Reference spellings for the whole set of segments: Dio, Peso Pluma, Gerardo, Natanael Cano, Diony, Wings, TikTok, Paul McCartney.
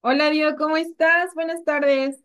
Hola, Dio, ¿cómo estás? Buenas tardes.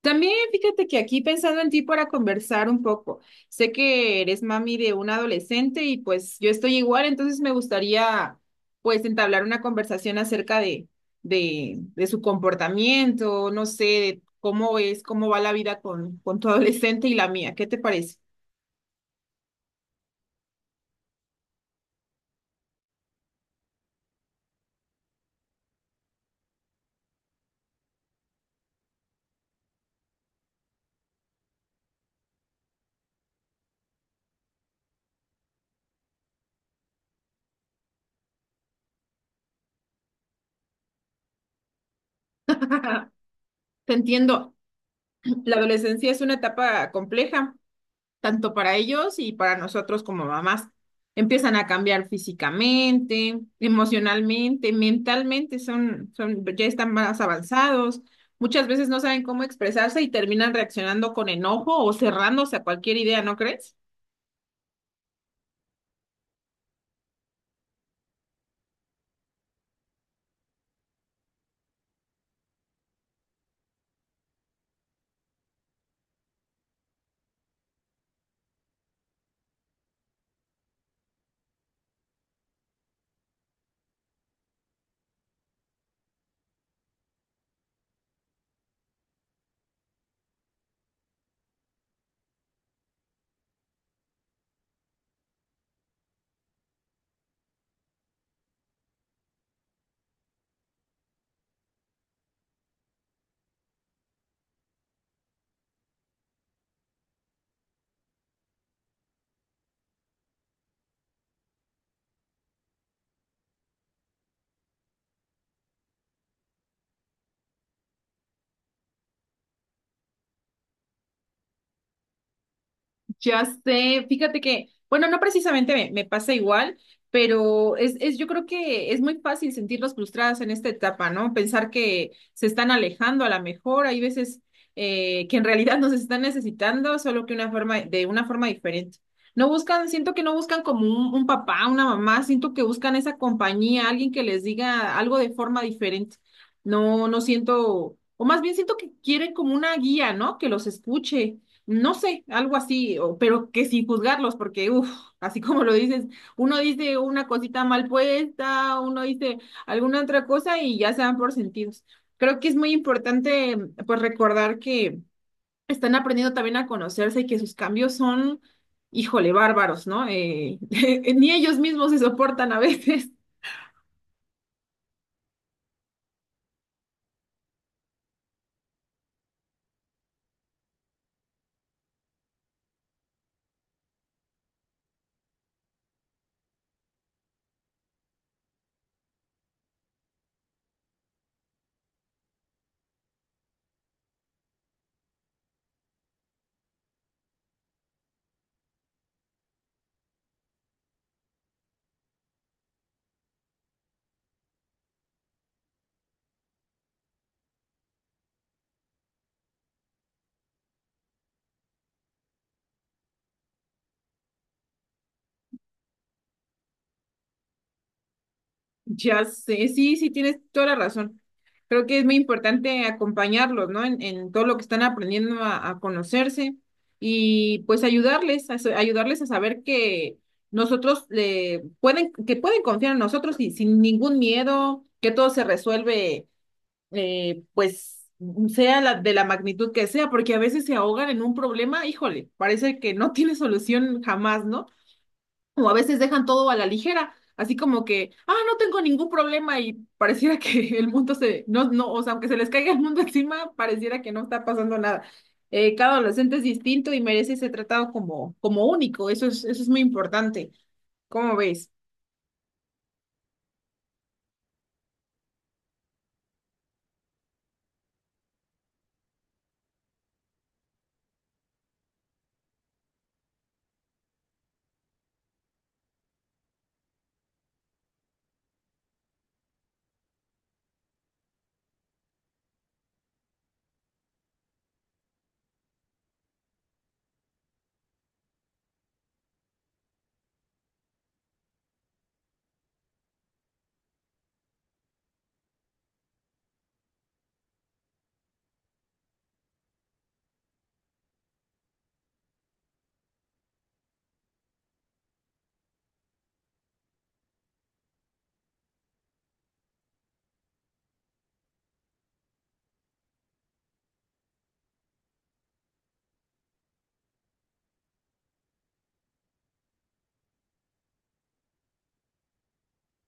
También fíjate que aquí pensando en ti para conversar un poco. Sé que eres mami de un adolescente y pues yo estoy igual, entonces me gustaría pues entablar una conversación acerca de su comportamiento, no sé, de cómo es, cómo va la vida con tu adolescente y la mía. ¿Qué te parece? Te entiendo. La adolescencia es una etapa compleja tanto para ellos y para nosotros como mamás. Empiezan a cambiar físicamente, emocionalmente, mentalmente, ya están más avanzados. Muchas veces no saben cómo expresarse y terminan reaccionando con enojo o cerrándose a cualquier idea, ¿no crees? Ya sé, fíjate que, bueno, no precisamente me pasa igual, pero yo creo que es muy fácil sentirlos frustrados en esta etapa, ¿no? Pensar que se están alejando a la mejor, hay veces que en realidad nos están necesitando, solo que una forma, de una forma diferente. No buscan, siento que no buscan como un papá, una mamá, siento que buscan esa compañía, alguien que les diga algo de forma diferente. No, no siento, o más bien siento que quieren como una guía, ¿no? Que los escuche, no sé, algo así, o- pero que sin juzgarlos, porque, uff, así como lo dices, uno dice una cosita mal puesta, uno dice alguna otra cosa y ya se dan por sentidos. Creo que es muy importante, pues, recordar que están aprendiendo también a conocerse y que sus cambios son, híjole, bárbaros, ¿no? Ni ellos mismos se soportan a veces. Ya sé, sí, sí, tienes toda la razón. Creo que es muy importante acompañarlos, ¿no? En todo lo que están aprendiendo a conocerse y pues ayudarles, a, sa- ayudarles a saber que nosotros le pueden, que pueden confiar en nosotros y sin ningún miedo, que todo se resuelve, pues sea la, de la magnitud que sea, porque a veces se ahogan en un problema, híjole, parece que no tiene solución jamás, ¿no? O a veces dejan todo a la ligera, así como que, ah, no tengo ningún problema y pareciera que el mundo se, no, no, o sea, aunque se les caiga el mundo encima, pareciera que no está pasando nada. Cada adolescente es distinto y merece ser tratado como, como único, eso es muy importante. ¿Cómo ves?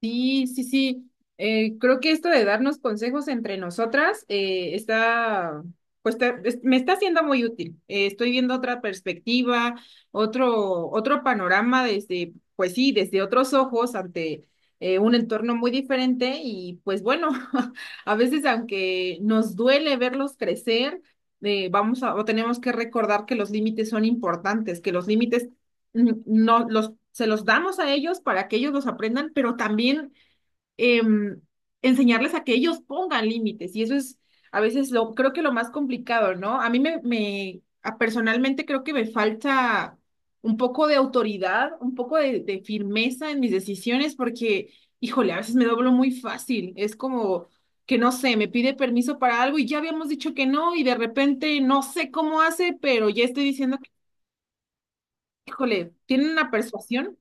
Sí, sí, sí. Creo que esto de darnos consejos entre nosotras está, pues me está siendo muy útil. Estoy viendo otra perspectiva, otro panorama desde, pues sí, desde otros ojos ante un entorno muy diferente y pues bueno, a veces aunque nos duele verlos crecer, vamos a, o tenemos que recordar que los límites son importantes, que los límites no los, se los damos a ellos para que ellos los aprendan, pero también em, enseñarles a que ellos pongan límites. Y eso es a veces lo, creo que lo más complicado, ¿no? A mí personalmente creo que me falta un poco de autoridad, un poco de firmeza en mis decisiones, porque, híjole, a veces me doblo muy fácil. Es como que no sé, me pide permiso para algo y ya habíamos dicho que no, y de repente no sé cómo hace, pero ya estoy diciendo que, híjole, tiene una persuasión.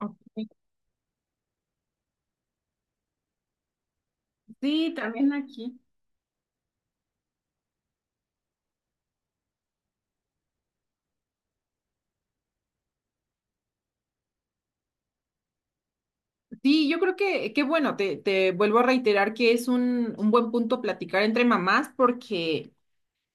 Ok. Sí, también aquí. Sí, yo creo que bueno, te vuelvo a reiterar que es un buen punto platicar entre mamás porque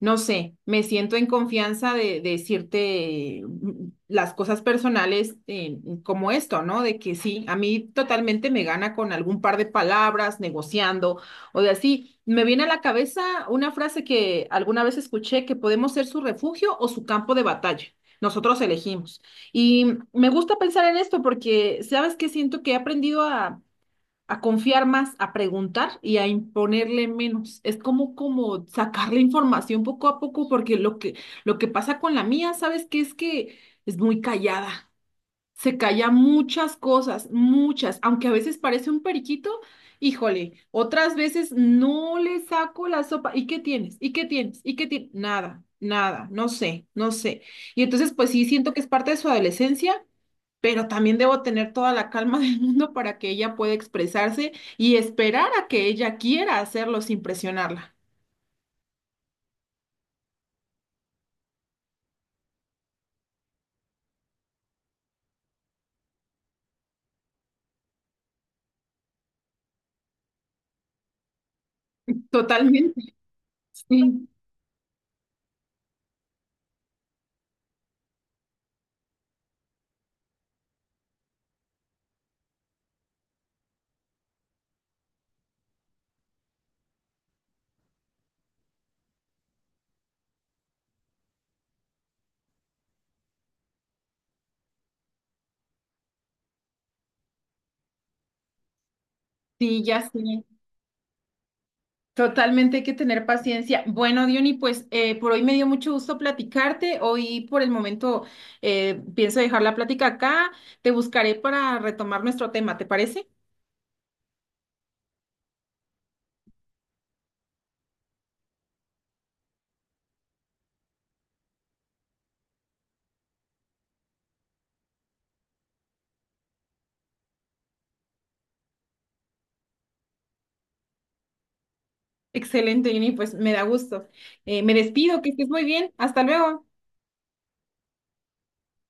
no sé, me siento en confianza de decirte mm, las cosas personales como esto, ¿no? De que sí, a mí totalmente me gana con algún par de palabras, negociando o de así. Me viene a la cabeza una frase que alguna vez escuché, que podemos ser su refugio o su campo de batalla. Nosotros elegimos. Y me gusta pensar en esto porque, ¿sabes qué? Siento que he aprendido a confiar más, a preguntar y a imponerle menos. Es como, como sacar la información poco a poco, porque lo que pasa con la mía, ¿sabes qué? Es que es muy callada, se calla muchas cosas, muchas, aunque a veces parece un periquito, híjole, otras veces no le saco la sopa. ¿Y qué tienes? ¿Y qué tienes? ¿Y qué tienes? Nada, nada, no sé, no sé. Y entonces, pues sí, siento que es parte de su adolescencia, pero también debo tener toda la calma del mundo para que ella pueda expresarse y esperar a que ella quiera hacerlo sin presionarla. Totalmente, sí, sí, ya sé. Totalmente hay que tener paciencia. Bueno, Diony, pues por hoy me dio mucho gusto platicarte. Hoy por el momento pienso dejar la plática acá. Te buscaré para retomar nuestro tema, ¿te parece? Excelente, Diony, pues me da gusto. Me despido, que estés muy bien. Hasta luego.